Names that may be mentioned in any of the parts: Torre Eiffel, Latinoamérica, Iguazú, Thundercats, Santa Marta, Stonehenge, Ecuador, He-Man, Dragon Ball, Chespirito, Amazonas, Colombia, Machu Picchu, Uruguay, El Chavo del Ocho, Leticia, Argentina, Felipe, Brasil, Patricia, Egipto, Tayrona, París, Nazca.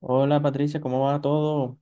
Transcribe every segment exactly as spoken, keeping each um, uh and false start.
Hola Patricia, ¿cómo va todo?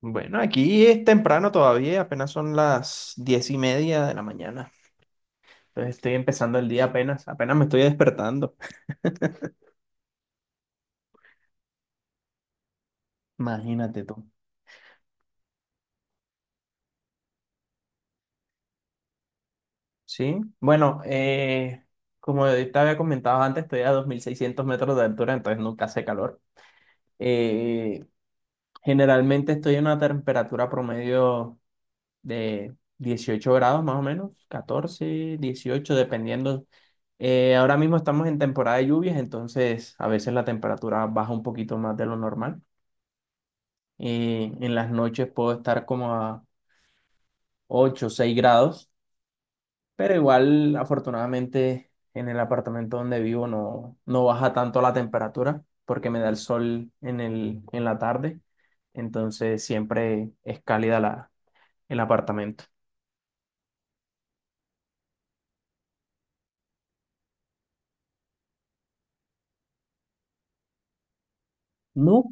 Bueno, aquí es temprano todavía, apenas son las diez y media de la mañana. Entonces estoy empezando el día apenas, apenas me estoy despertando. Imagínate tú. Sí, bueno, eh, como te había comentado antes, estoy a dos mil seiscientos metros de altura, entonces nunca hace calor. Eh, Generalmente estoy a una temperatura promedio de dieciocho grados más o menos, catorce dieciocho dependiendo. Eh, ahora mismo estamos en temporada de lluvias, entonces a veces la temperatura baja un poquito más de lo normal. Eh, en las noches puedo estar como a ocho o seis grados, pero igual afortunadamente en el apartamento donde vivo no, no baja tanto la temperatura porque me da el sol en el, en la tarde, entonces siempre es cálida la, el apartamento. No,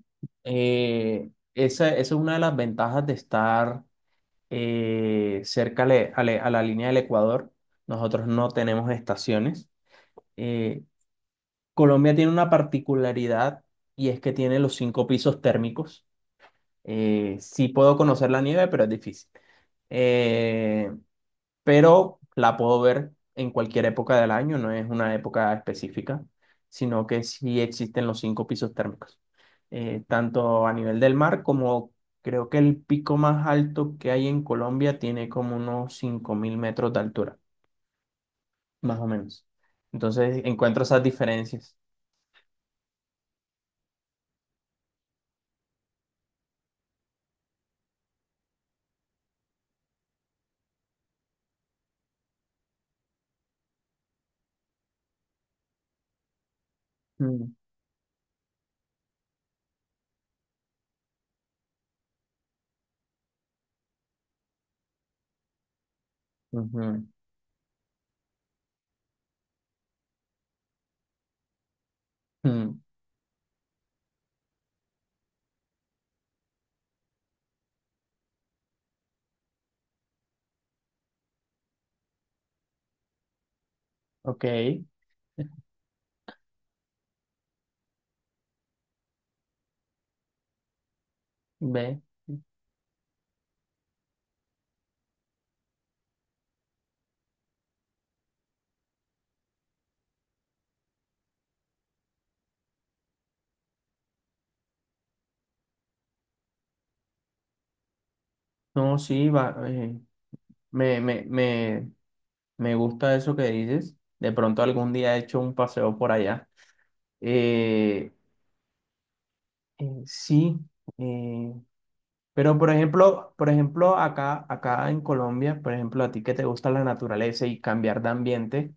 eh, esa, esa es una de las ventajas de estar eh, cerca ale- ale- a la línea del Ecuador. Nosotros no tenemos estaciones. Eh, Colombia tiene una particularidad y es que tiene los cinco pisos térmicos. Eh, sí puedo conocer la nieve, pero es difícil. Eh, pero la puedo ver en cualquier época del año, no es una época específica, sino que sí existen los cinco pisos térmicos, eh, tanto a nivel del mar como creo que el pico más alto que hay en Colombia tiene como unos cinco mil metros de altura, más o menos. Entonces encuentro esas diferencias. Mm, ujú, mm, ok, ve. No, sí, va, eh, me, me, me, me gusta eso que dices. De pronto algún día he hecho un paseo por allá. Eh, eh, sí, eh, pero por ejemplo, por ejemplo, acá, acá en Colombia, por ejemplo, a ti que te gusta la naturaleza y cambiar de ambiente,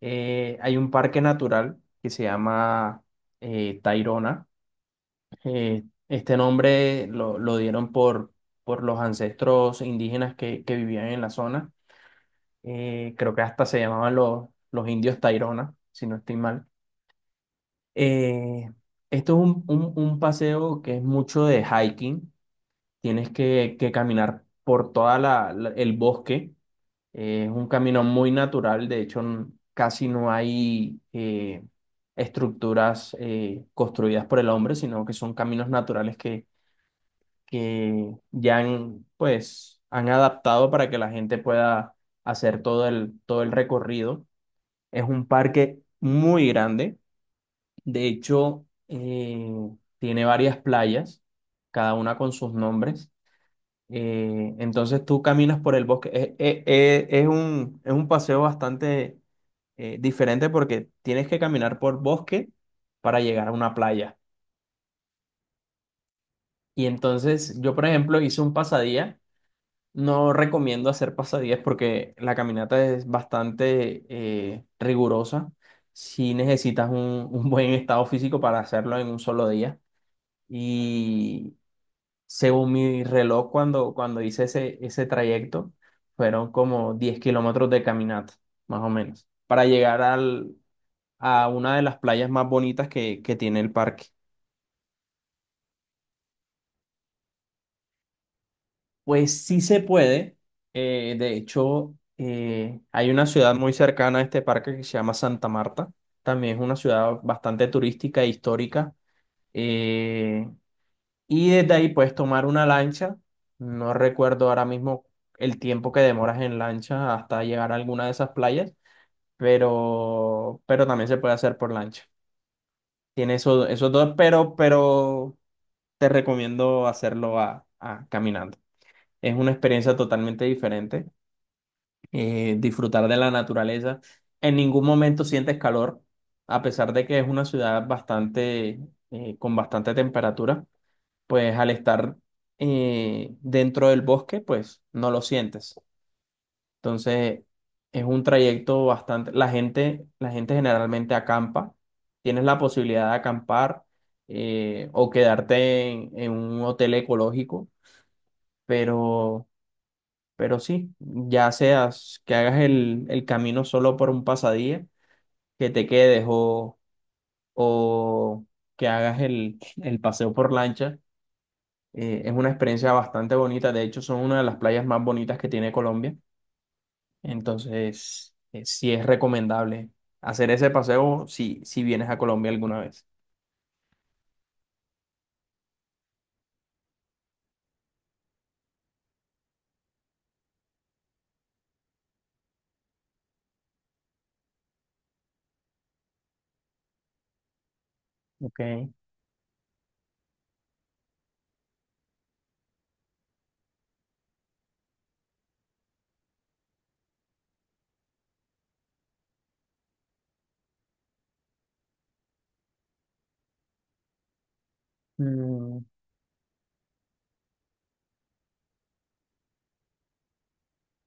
eh, hay un parque natural que se llama eh, Tayrona. Eh, este nombre lo, lo dieron por, por los ancestros indígenas que, que vivían en la zona. Eh, creo que hasta se llamaban los, los indios Tayrona, si no estoy mal. Eh, Esto es un, un- un paseo que es mucho de hiking. Tienes que, que caminar por toda la, la- el bosque. Eh, es un camino muy natural. De hecho, n- casi no hay eh, estructuras eh, construidas por el hombre, sino que son caminos naturales que, que ya han, pues, han adaptado para que la gente pueda hacer todo el, todo el recorrido. Es un parque muy grande de hecho, eh, tiene varias playas, cada una con sus nombres. Eh, entonces tú caminas por el bosque. Es es eh, es un, es un paseo bastante eh, diferente porque tienes que caminar por bosque para llegar a una playa. Y entonces yo, por ejemplo, hice un pasadía. No recomiendo hacer pasadías porque la caminata es bastante eh, rigurosa. Si necesitas un un buen estado físico para hacerlo en un solo día. Y según mi reloj, cuando, cuando hice ese, ese trayecto, fueron como diez kilómetros de caminata, más o menos, para llegar al, a una de las playas más bonitas que, que tiene el parque. Pues sí se puede. eh, de hecho, eh, hay una ciudad muy cercana a este parque que se llama Santa Marta. También es una ciudad bastante turística e histórica. eh, Y desde ahí puedes tomar una lancha. No recuerdo ahora mismo el tiempo que demoras en lancha hasta llegar a alguna de esas playas, pero, pero también se puede hacer por lancha. Tiene eso- esos dos, pero, pero te recomiendo hacerlo a, a caminando. Es una experiencia totalmente diferente. eh, disfrutar de la naturaleza. En ningún momento sientes calor, a pesar de que es una ciudad bastante, eh, con bastante temperatura. Pues al estar eh, dentro del bosque, pues no lo sientes. Entonces, es un trayecto bastante, la gente, la gente generalmente acampa, tienes la posibilidad de acampar eh, o quedarte en, en un hotel ecológico, pero, pero sí, ya seas que hagas el, el camino solo por un pasadía, que te quedes o, o que hagas el, el paseo por lancha. Eh, es una experiencia bastante bonita. De hecho, son una de las playas más bonitas que tiene Colombia. Entonces, eh, sí es recomendable hacer ese paseo si, si vienes a Colombia alguna vez. Ok. Mm,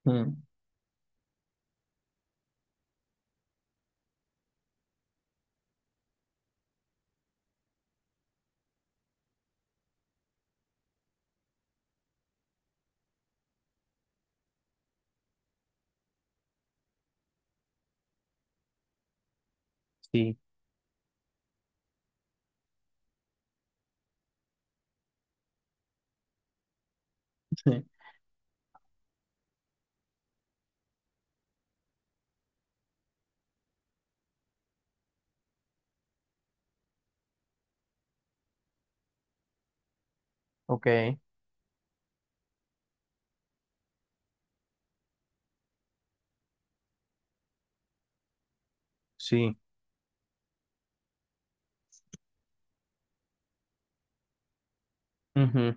mm, sí. Ok. Sí. Ujú.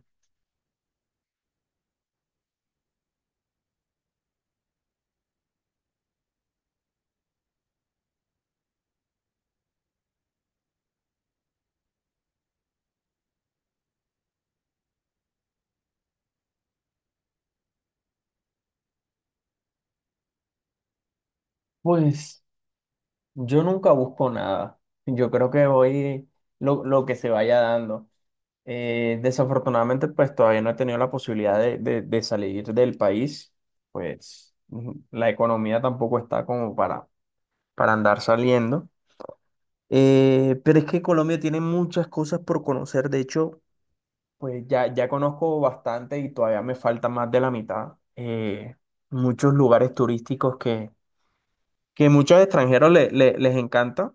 Pues yo nunca busco nada. Yo creo que voy lo, lo que se vaya dando. Eh, desafortunadamente, pues todavía no he tenido la posibilidad de, de- de salir del país, pues ujú, la economía tampoco está como para, para andar saliendo. Eh, pero es que Colombia tiene muchas cosas por conocer, de hecho, pues ya, ya conozco bastante y todavía me falta más de la mitad. Eh, muchos lugares turísticos que, que muchos extranjeros le- le- les encanta.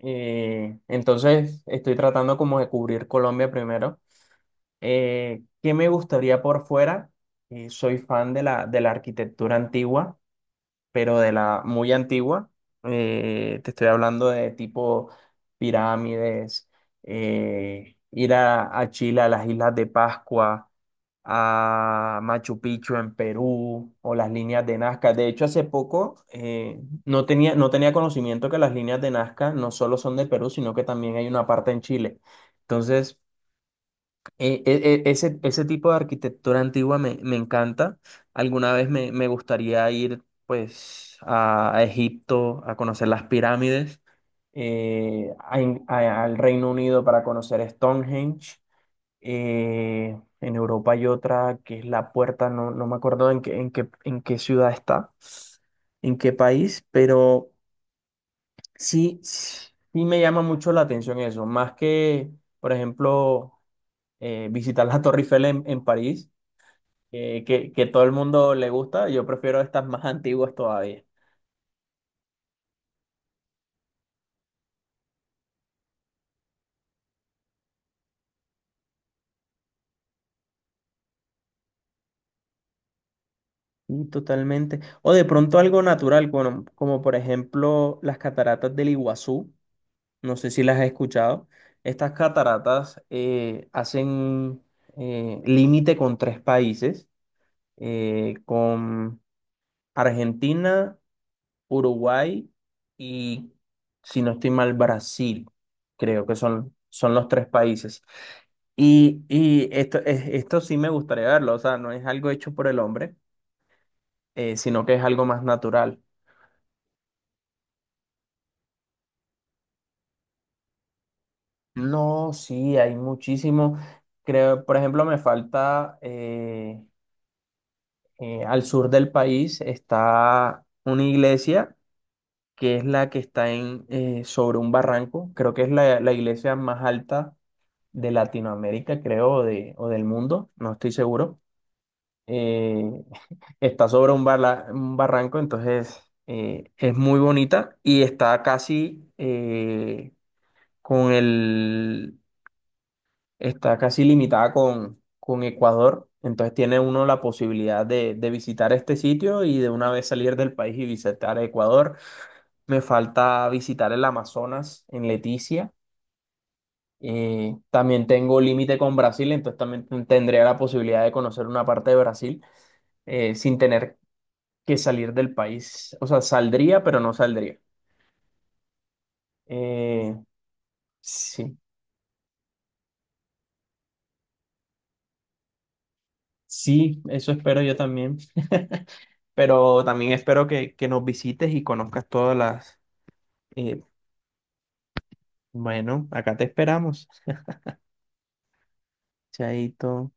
Eh, entonces, estoy tratando como de cubrir Colombia primero. Eh, ¿qué me gustaría por fuera? Eh, soy fan de la, de la arquitectura antigua, pero de la muy antigua. Eh, te estoy hablando de tipo pirámides, eh, ir a, a Chile, a las Islas de Pascua, a Machu Picchu en Perú o las líneas de Nazca. De hecho, hace poco eh, no tenía, no tenía conocimiento que las líneas de Nazca no solo son de Perú, sino que también hay una parte en Chile. Entonces... E- e- e- ese, ese tipo de arquitectura antigua me, me encanta. Alguna vez me, me gustaría ir pues a, a Egipto a conocer las pirámides, eh, a In- a- al Reino Unido para conocer Stonehenge. eh, en Europa hay otra que es la puerta, no, no me acuerdo en qué, en qué, en qué ciudad está, en qué país, pero sí, sí me llama mucho la atención eso, más que, por ejemplo eh, visitar la Torre Eiffel en, en París, eh, que, que todo el mundo le gusta. Yo prefiero estas más antiguas todavía. Y totalmente. O de pronto algo natural, como, como por ejemplo las cataratas del Iguazú. No sé si las has escuchado. Estas cataratas eh, hacen eh, límite con tres países, eh, con Argentina, Uruguay y, si no estoy mal, Brasil. Creo que son, son los tres países. Y, y esto, es- esto sí me gustaría verlo, o sea, no es algo hecho por el hombre, eh, sino que es algo más natural. No, sí, hay muchísimo. Creo, por ejemplo, me falta eh, eh, al sur del país está una iglesia que es la que está en, eh, sobre un barranco. Creo que es la, la iglesia más alta de Latinoamérica, creo, o, de, o del mundo, no estoy seguro eh, está sobre un, barla- un barranco, entonces eh, es muy bonita y está casi eh, con el, está casi limitada con, con Ecuador, entonces tiene uno la posibilidad de, de visitar este sitio y de una vez salir del país y visitar Ecuador. Me falta visitar el Amazonas en Leticia. Eh, también tengo límite con Brasil, entonces también tendría la posibilidad de conocer una parte de Brasil eh, sin tener que salir del país. O sea, saldría, pero no saldría. Eh, sí, sí, eso espero yo también. Pero también espero que, que nos visites y conozcas todas las... eh, bueno, acá te esperamos. Chaito.